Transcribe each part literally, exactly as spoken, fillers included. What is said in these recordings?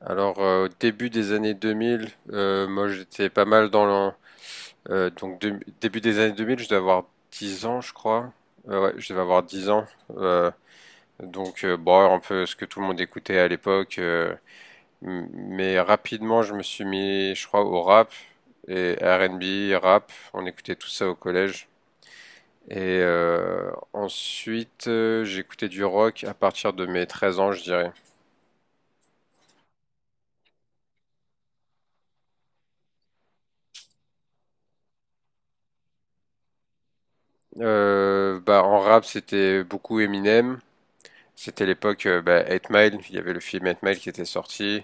Alors, euh, au début des années deux mille, euh, moi j'étais pas mal dans le... euh, donc, de- début des années deux mille, je devais avoir dix ans, je crois. Euh, ouais, je devais avoir dix ans. Euh, donc, euh, bon, un peu ce que tout le monde écoutait à l'époque. Euh, m- mais rapidement, je me suis mis, je crois, au rap et R and B, rap. On écoutait tout ça au collège. Et euh, ensuite, euh, j'écoutais du rock à partir de mes treize ans, je dirais. Euh, bah, en rap, c'était beaucoup Eminem. C'était l'époque euh, bah, eight Mile, il y avait le film Eight Mile qui était sorti.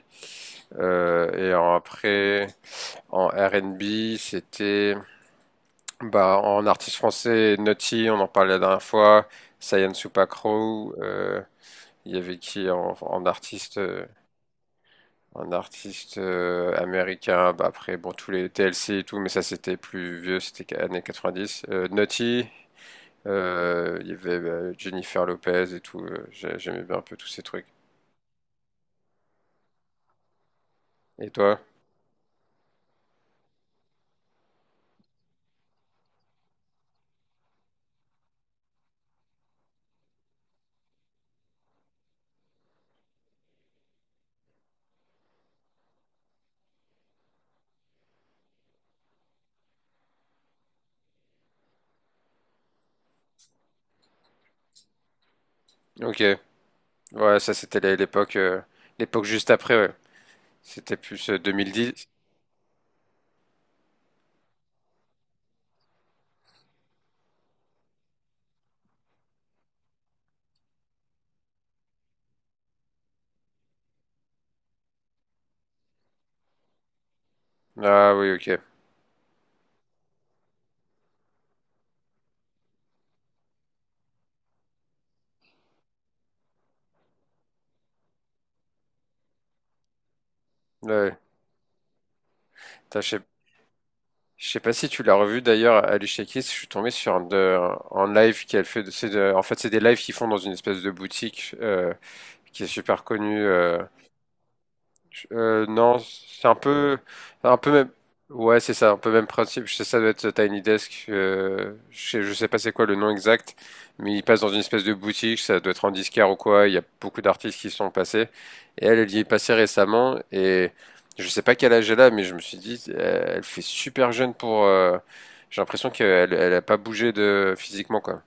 Euh, et en- après, en R and B, c'était bah, en artiste français, Naughty, on en parlait la dernière fois, Sayan Supakro, euh, il y avait qui en, en artiste, euh, en artiste euh, américain, bah, après bon, tous les T L C et tout, mais ça c'était plus vieux, c'était qu'à- années quatre-vingt-dix. Euh, Naughty, euh, il y avait bah, Jennifer Lopez et tout, euh, j'ai- j'aimais bien un peu tous ces trucs. Et toi? Ok. Ouais, ça c'était l'é- l'époque euh, l'époque juste après, ouais. C'était plus euh, deux mille dix. Ah oui, ok. Ouais. Putain, Je sais je sais pas si tu l'as revu d'ailleurs, Alicia Keys, je suis tombé sur un, de, un live qu'elle fait. De- c'est de- en fait, c'est des lives qu'ils font dans une espèce de boutique euh, qui est super connue. Euh, Je- euh, non, c'est un peu, un peu même. Ouais, c'est ça, un peu même principe. Je sais, ça doit être Tiny Desk. Euh, je sais, je sais pas c'est quoi le nom exact, mais il passe dans une espèce de boutique. Ça doit être en disquaire ou quoi. Il y a beaucoup d'artistes qui sont passés. Et elle, elle y est passée récemment. Et je sais pas quel âge elle a, mais je me suis dit, euh, elle fait super jeune pour. Euh, j'ai l'impression qu'elle, elle a pas bougé de physiquement quoi.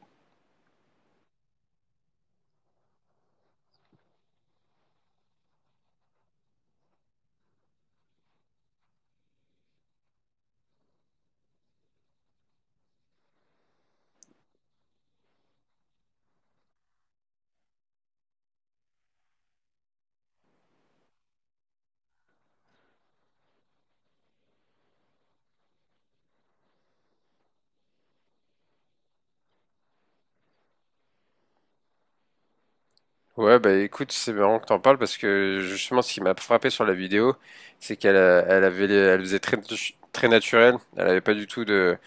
Ouais, bah écoute, c'est marrant que t'en parles parce que justement, ce qui m'a frappé sur la vidéo, c'est qu'elle a- elle avait, les- elle faisait très, natu- très naturel. Elle avait pas du tout de,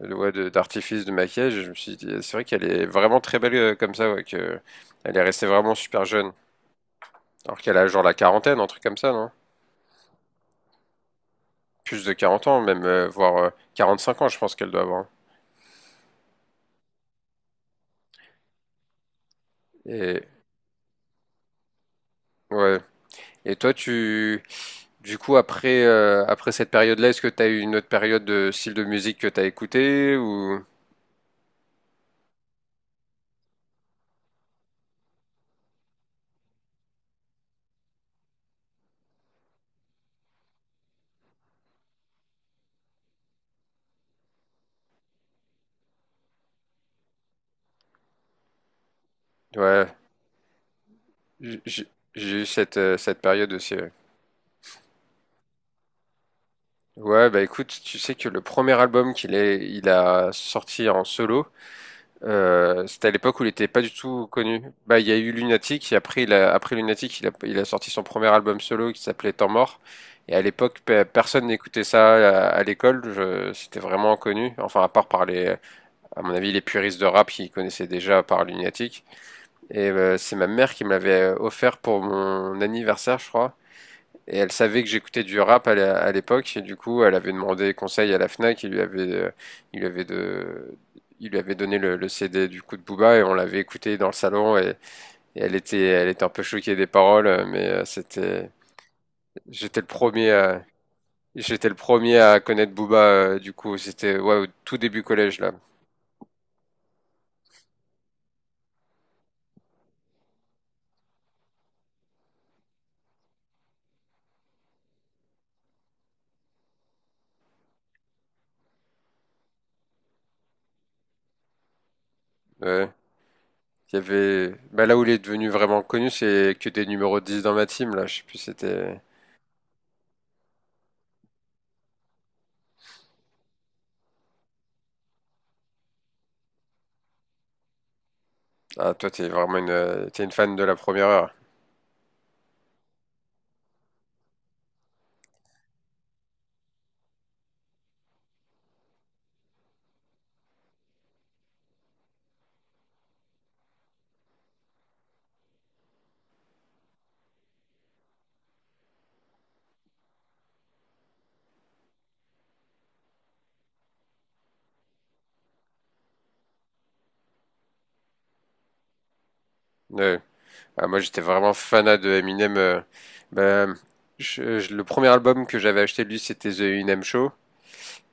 de- ouais, de- d'artifice de maquillage. Et je me suis dit, c'est vrai qu'elle est vraiment très belle euh, comme ça, ouais, que elle est restée vraiment super jeune. Alors qu'elle a genre la quarantaine, un truc comme ça, non? Plus de quarante ans, même, euh, voire euh, cinq ans, je pense qu'elle doit avoir. Hein. Et ouais. Et toi, tu, du coup, après, euh, après cette période-là, est-ce que t'as eu une autre période de style de musique que t'as écouté ou? Ouais, j- j- j'ai eu cette, euh, cette période aussi. Ouais. Ouais, bah écoute, tu sais que le premier album qu'il est, il a sorti en solo, euh, c'était à l'époque où il était pas du tout connu. Bah, il y a eu Lunatic, et après, il a, après Lunatic, il a, il a sorti son premier album solo qui s'appelait Temps mort. Et à l'époque, pe- personne n'écoutait ça à, à l'école, je- c'était vraiment inconnu. Enfin, à part par les, à mon avis, les puristes de rap qui connaissaient déjà par Lunatic. Et euh, c'est ma mère qui me l'avait euh, offert pour mon anniversaire, je crois. Et elle savait que j'écoutais du rap à la- à l'époque, et du coup, elle avait demandé conseil à la Fnac, il lui avait, euh, il lui avait, de, il lui avait donné le, le C D du coup de Booba, et on l'avait écouté dans le salon, et, et elle était, elle était un peu choquée des paroles, euh, mais euh, c'était, j'étais le premier à, j'étais le premier à connaître Booba, euh, du coup, c'était, ouais, au tout début collège, là. Ouais. Il y avait, bah là où il est devenu vraiment connu, c'est que des numéros dix dans ma team, là, je sais plus, si c'était, ah, toi, t'es vraiment une, euh, t'es une fan de la première heure. Ouais. Ah, moi, j'étais vraiment fanat de Eminem. euh, bah, je- je- le premier album que j'avais acheté de lui, c'était The Eminem Show.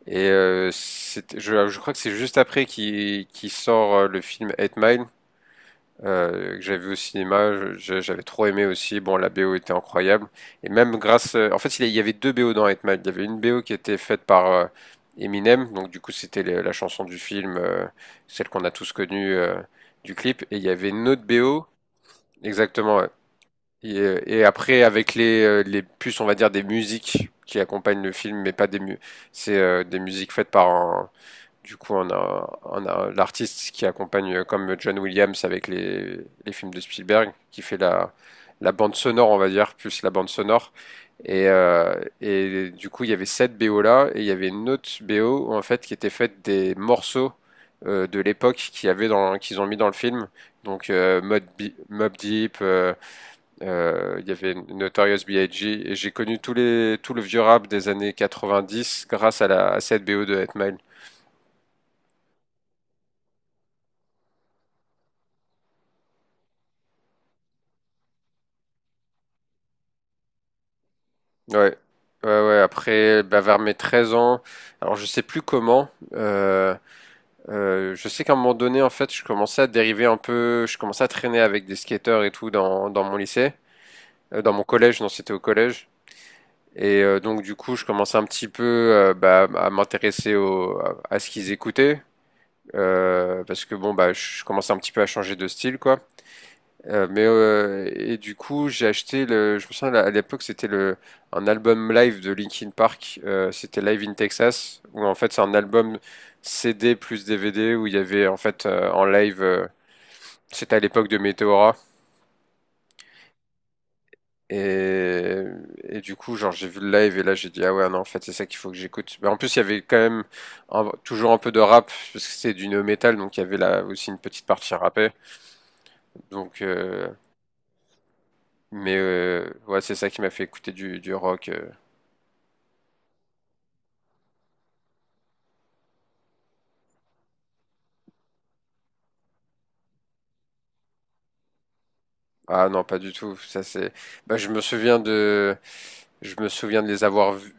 Et euh, c'était- je, je crois que c'est juste après qu'il qu'il sort euh, le film Eight Mile, euh, que j'avais vu au cinéma. Je- je- J'avais trop aimé aussi. Bon, la B O était incroyable. Et même grâce... euh, En fait, il y a- il y avait deux B O dans Eight Mile. Il y avait une B O qui était faite par euh, Eminem. Donc, du coup, c'était le- la chanson du film, euh, celle qu'on a tous connue euh, du clip. Et il y avait une autre B O... Exactement, et, euh, et après, avec les, euh, les puces, on va dire des musiques qui accompagnent le film, mais pas des mu c'est euh, des musiques faites par un. Du coup, on a, on a l'artiste qui accompagne, euh, comme John Williams avec les, les films de Spielberg, qui fait la, la bande sonore, on va dire, plus la bande sonore. Et, euh, et du coup, il y avait cette B O là, et il y avait une autre B O en fait qui était faite des morceaux euh, de l'époque qu'il y avait dans, qu'ils ont mis dans le film. Donc, euh, Mob, Mob Deep. Euh, euh, il y avait Notorious B I G et j'ai connu tous les, tout le vieux rap des années quatre-vingt-dix grâce à, la, à cette B O de Hit Mile. Ouais, ouais, ouais. Après, bah, vers mes treize ans, alors je sais plus comment. Euh, euh, je sais qu'à un moment donné, en fait, je commençais à dériver un peu. Je commençais à traîner avec des skateurs et tout dans, dans mon lycée, euh, dans mon collège. Non, c'était au collège. Et euh, donc, du coup, je commençais un petit peu euh, bah, à m'intéresser au- à, à ce qu'ils écoutaient. Euh, parce que bon, bah, je commençais un petit peu à changer de style, quoi. Euh, mais euh, et du coup, j'ai acheté le. Je me souviens à l'époque, c'était le un album live de Linkin Park. Euh, c'était Live in Texas, où en fait c'est un album C D plus D V D où il y avait en fait euh, en live. Euh, c'était à l'époque de Meteora. Et, et du coup, genre j'ai vu le live et là j'ai dit ah ouais non en fait c'est ça qu'il faut que j'écoute. Mais en plus il y avait quand même un- toujours un peu de rap parce que c'est du no metal donc il y avait là aussi une petite partie rappée. Donc euh, mais euh, ouais c'est ça qui m'a fait écouter du, du rock. euh, Ah non, pas du tout. Ça c'est. Bah, je me souviens de, je me souviens de les avoir, vus-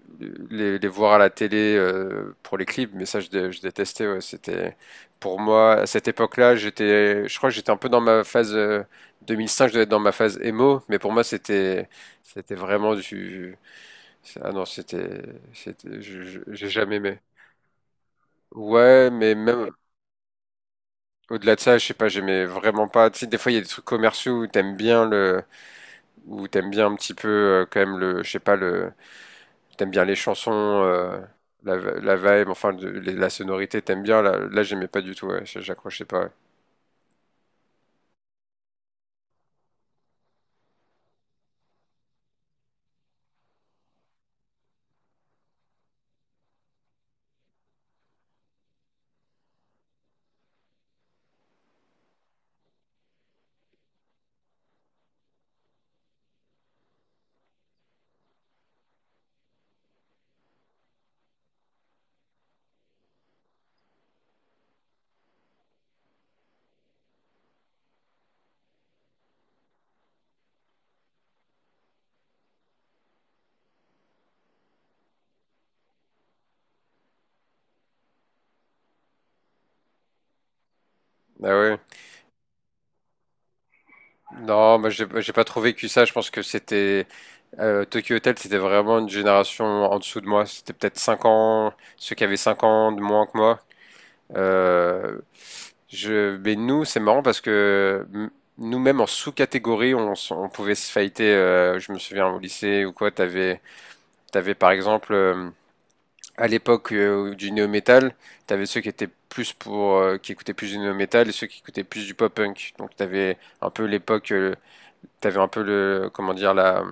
les, les voir à la télé euh, pour les clips, mais ça je, dé- je détestais. Ouais. C'était pour moi à cette époque-là, j'étais, je crois que j'étais un peu dans ma phase euh, deux mille cinq. Je devais être dans ma phase emo, mais pour moi c'était, c'était vraiment du. Ah non, c'était, c'était, je- je- j'ai jamais aimé. Ouais, mais même au-delà de ça, je sais pas, j'aimais vraiment pas. Tu sais, des fois il y a des trucs commerciaux où t'aimes bien le ou t'aimes bien un petit peu euh, quand même le, je sais pas le, t'aimes bien les chansons, euh, la, la vibe, enfin de- les- la sonorité, t'aimes bien. Là, là j'aimais pas du tout, ouais, j'- j'accrochais pas. Ouais. Ah ouais. Non, moi j'ai j'ai pas trop vécu ça. Je pense que c'était euh, Tokyo Hotel, c'était vraiment une génération en dessous de moi. C'était peut-être cinq ans, ceux qui avaient cinq ans de moins que moi. Euh, je, mais nous, c'est marrant parce que m- nous-mêmes en sous-catégorie, on, s- on pouvait se fighter. Euh, je me souviens au lycée ou quoi, t'avais T'avais par exemple, euh, à l'époque euh, du néo-metal, t'avais ceux qui étaient plus pour, euh, qui écoutaient plus du néo-metal et ceux qui écoutaient plus du pop-punk. Donc t'avais un peu l'époque, euh, t'avais un peu le, comment dire, la,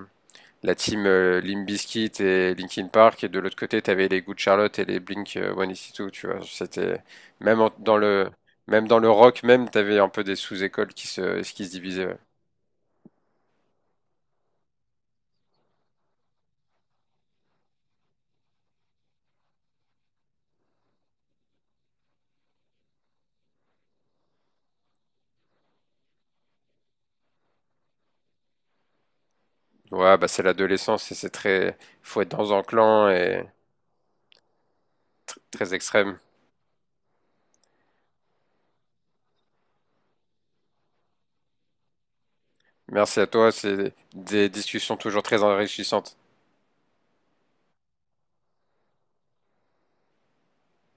la team euh, Limp Bizkit et Linkin Park et de l'autre côté t'avais les Good Charlotte et les Blink euh, cent quatre-vingt-deux. Tu vois, c'était même en- dans le, même dans le rock même, t'avais un peu des sous-écoles qui se, qui se divisaient. Ouais, ouais, bah c'est l'adolescence et c'est très, faut être dans un clan et très extrême. Merci à toi, c'est des discussions toujours très enrichissantes.